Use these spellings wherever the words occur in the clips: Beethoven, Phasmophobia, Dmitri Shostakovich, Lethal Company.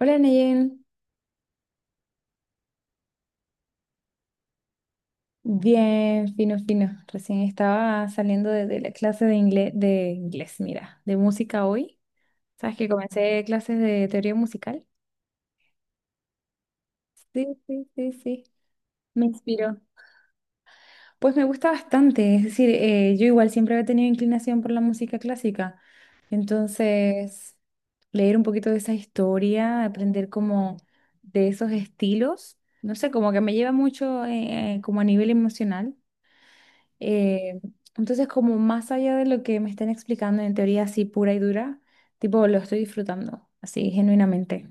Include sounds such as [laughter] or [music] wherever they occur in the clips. Hola Neyen, bien, fino, fino. Recién estaba saliendo de la clase de inglés, mira, de música hoy. ¿Sabes que comencé clases de teoría musical? Sí, sí, sí, sí. Me inspiró. Pues me gusta bastante, es decir, yo igual siempre había tenido inclinación por la música clásica. Entonces, leer un poquito de esa historia, aprender como de esos estilos, no sé, como que me lleva mucho como a nivel emocional. Eh, entonces, como más allá de lo que me estén explicando en teoría así pura y dura, tipo, lo estoy disfrutando, así, genuinamente.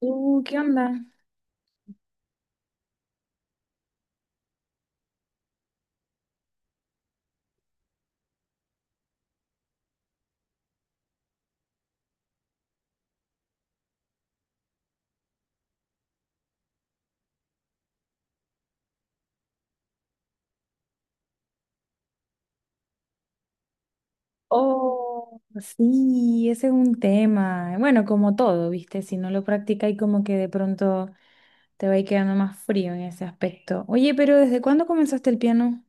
¿Qué onda? Oh, sí, ese es un tema. Bueno, como todo, ¿viste? Si no lo practica y como que de pronto te va a ir quedando más frío en ese aspecto. Oye, pero ¿desde cuándo comenzaste el piano?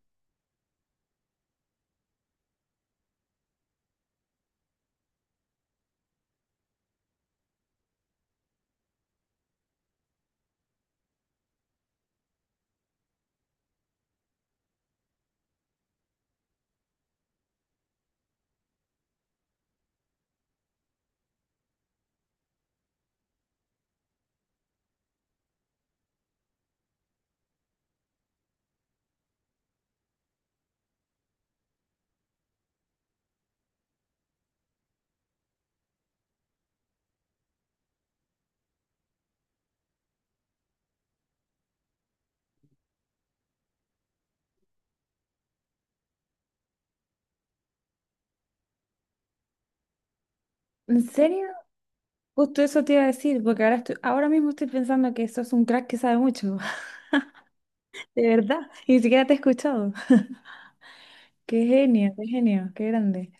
¿En serio? Justo eso te iba a decir, porque ahora estoy, ahora mismo estoy pensando que sos un crack que sabe mucho, [laughs] de verdad, ni siquiera te he escuchado. Qué genio, qué genio, qué grande.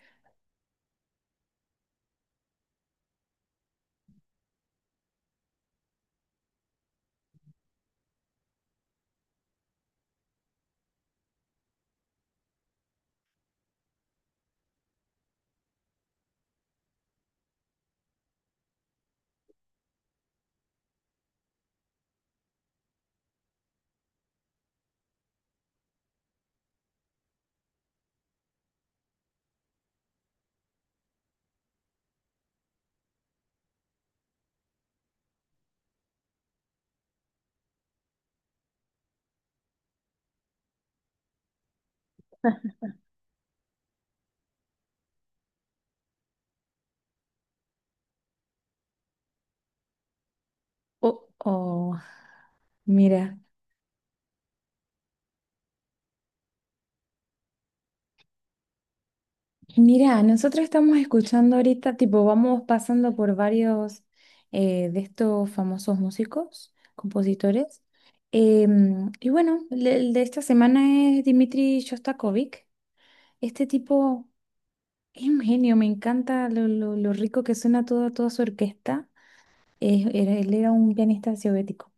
Oh, oh, mira, mira, nosotros estamos escuchando ahorita, tipo, vamos pasando por varios de estos famosos músicos, compositores. Y bueno, el de esta semana es Dmitri Shostakovich. Este tipo es un genio, me encanta lo, lo rico que suena toda, toda su orquesta. Él era un pianista soviético.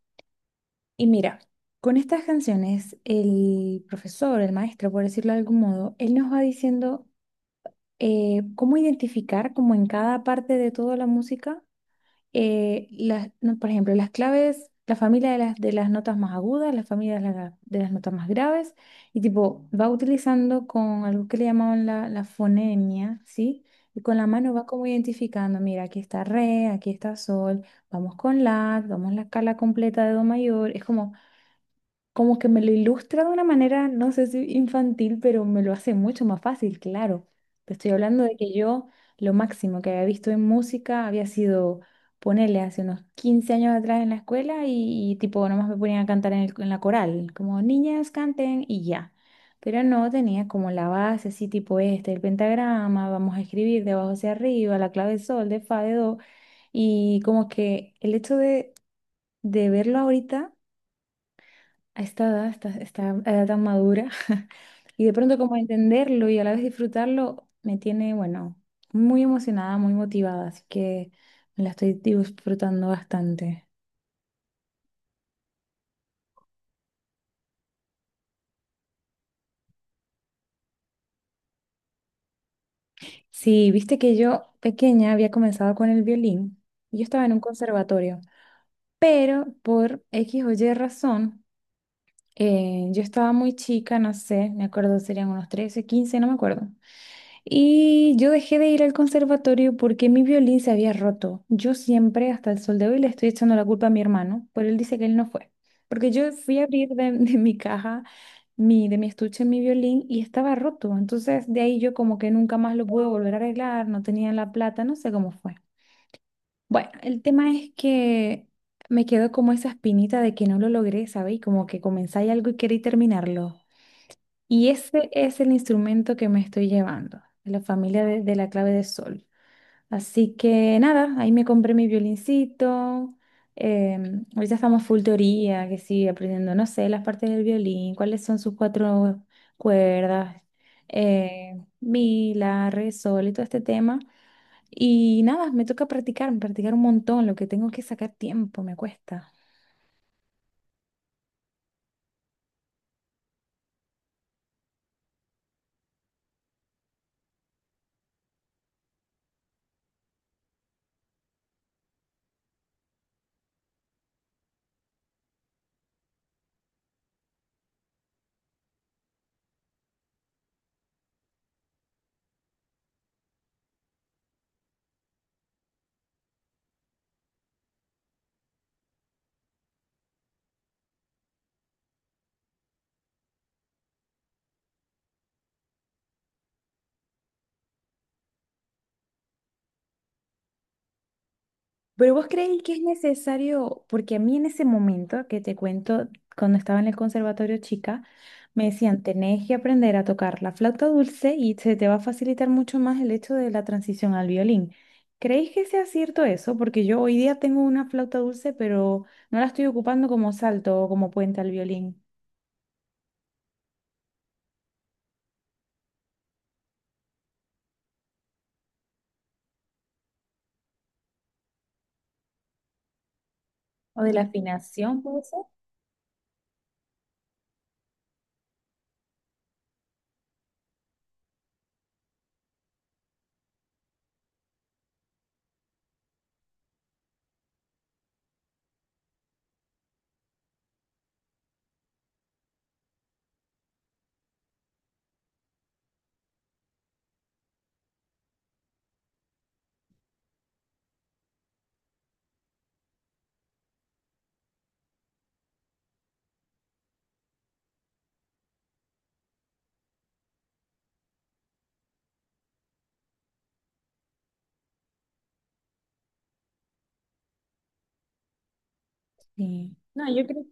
Y mira, con estas canciones, el profesor, el maestro, por decirlo de algún modo, él nos va diciendo cómo identificar como en cada parte de toda la música, las, no, por ejemplo, las claves, la familia de las notas más agudas, la familia de, de las notas más graves, y tipo, va utilizando con algo que le llamaban la, la fonemia, ¿sí? Y con la mano va como identificando, mira, aquí está re, aquí está sol, vamos con la, vamos la escala completa de do mayor, es como como que me lo ilustra de una manera, no sé si infantil, pero me lo hace mucho más fácil, claro. Te estoy hablando de que yo lo máximo que había visto en música había sido ponerle hace unos 15 años atrás en la escuela y tipo nomás me ponían a cantar en, en la coral, como niñas canten y ya. Pero no tenía como la base así tipo este, el pentagrama, vamos a escribir de abajo hacia arriba, la clave de sol, de fa, de do, y como que el hecho de verlo ahorita a esta edad, esta edad tan madura, [laughs] y de pronto como entenderlo y a la vez disfrutarlo, me tiene, bueno, muy emocionada, muy motivada, así que me la estoy disfrutando bastante. Sí, viste que yo pequeña había comenzado con el violín, yo estaba en un conservatorio, pero por X o Y razón, yo estaba muy chica, no sé, me acuerdo, serían unos 13 15 no me acuerdo. Y yo dejé de ir al conservatorio porque mi violín se había roto. Yo siempre, hasta el sol de hoy, le estoy echando la culpa a mi hermano, pero él dice que él no fue. Porque yo fui a abrir de, [laughs] de mi caja, mi, de mi estuche, mi violín y estaba roto. Entonces de ahí yo como que nunca más lo pude volver a arreglar, no tenía la plata, no sé cómo fue. Bueno, el tema es que me quedó como esa espinita de que no lo logré, ¿sabéis? Como que comenzáis algo y queréis terminarlo. Y ese es el instrumento que me estoy llevando, de la familia de la clave de sol. Así que nada, ahí me compré mi violincito. Em, ahorita estamos full teoría, que sí, aprendiendo, no sé, las partes del violín, cuáles son sus 4 cuerdas, mi, la, re, sol y todo este tema. Y nada, me toca practicar, practicar un montón, lo que tengo es que sacar tiempo, me cuesta. Pero vos creéis que es necesario, porque a mí en ese momento que te cuento, cuando estaba en el conservatorio chica, me decían, tenés que aprender a tocar la flauta dulce y se te va a facilitar mucho más el hecho de la transición al violín. ¿Creéis que sea cierto eso? Porque yo hoy día tengo una flauta dulce, pero no la estoy ocupando como salto o como puente al violín. O de la afinación, puede ser. Sí. No, yo creo.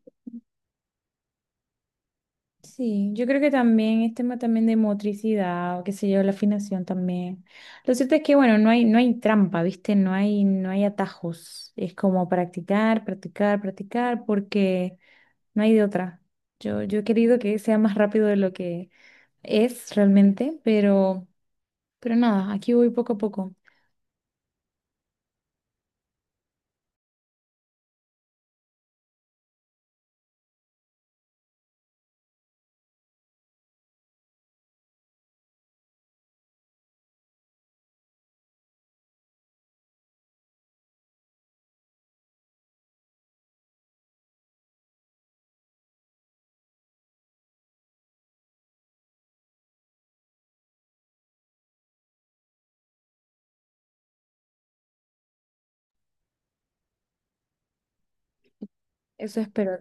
Sí, yo creo que también es tema también de motricidad o qué sé yo, la afinación también. Lo cierto es que, bueno, no hay, no hay trampa, ¿viste? No hay, no hay atajos. Es como practicar, practicar, practicar, porque no hay de otra. Yo he querido que sea más rápido de lo que es realmente, pero nada, aquí voy poco a poco. Eso espero.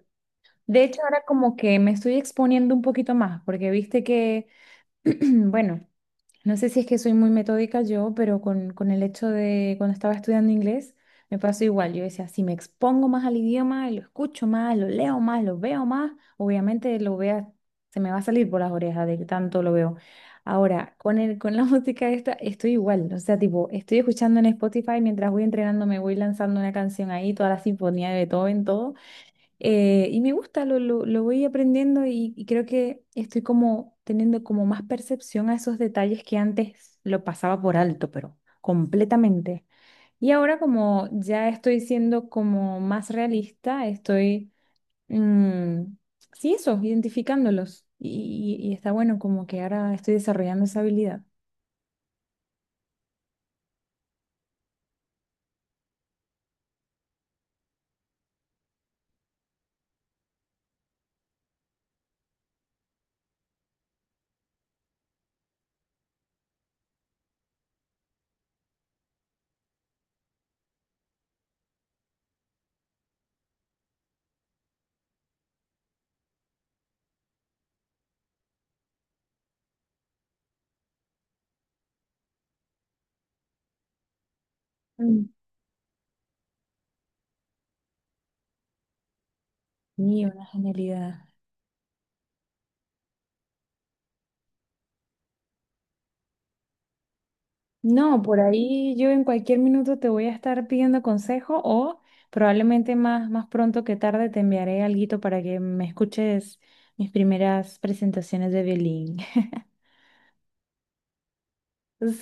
De hecho, ahora como que me estoy exponiendo un poquito más, porque viste que, [clears throat] bueno. No sé si es que soy muy metódica yo, pero con el hecho de cuando estaba estudiando inglés, me pasó igual. Yo decía, si me expongo más al idioma, lo escucho más, lo leo más, lo veo más, obviamente lo vea, se me va a salir por las orejas de que tanto lo veo. Ahora, con el, con la [laughs] música esta, estoy igual. O sea, tipo, estoy escuchando en Spotify mientras voy entrenando, me voy lanzando una canción ahí, toda la sinfonía de Beethoven, todo. Y me gusta, lo voy aprendiendo y creo que estoy como teniendo como más percepción a esos detalles que antes lo pasaba por alto, pero completamente. Y ahora como ya estoy siendo como más realista, estoy, mm, sí, eso, identificándolos. Y, y está bueno como que ahora estoy desarrollando esa habilidad. Mm. Y una genialidad. No, por ahí yo en cualquier minuto te voy a estar pidiendo consejo o probablemente más, más pronto que tarde te enviaré alguito para que me escuches mis primeras presentaciones de violín. [laughs]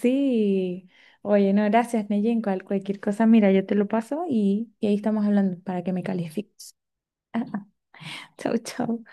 Sí, oye, no, gracias, Neyen. Cual, cualquier cosa, mira, yo te lo paso y ahí estamos hablando para que me califiques. [laughs] Chau, chau.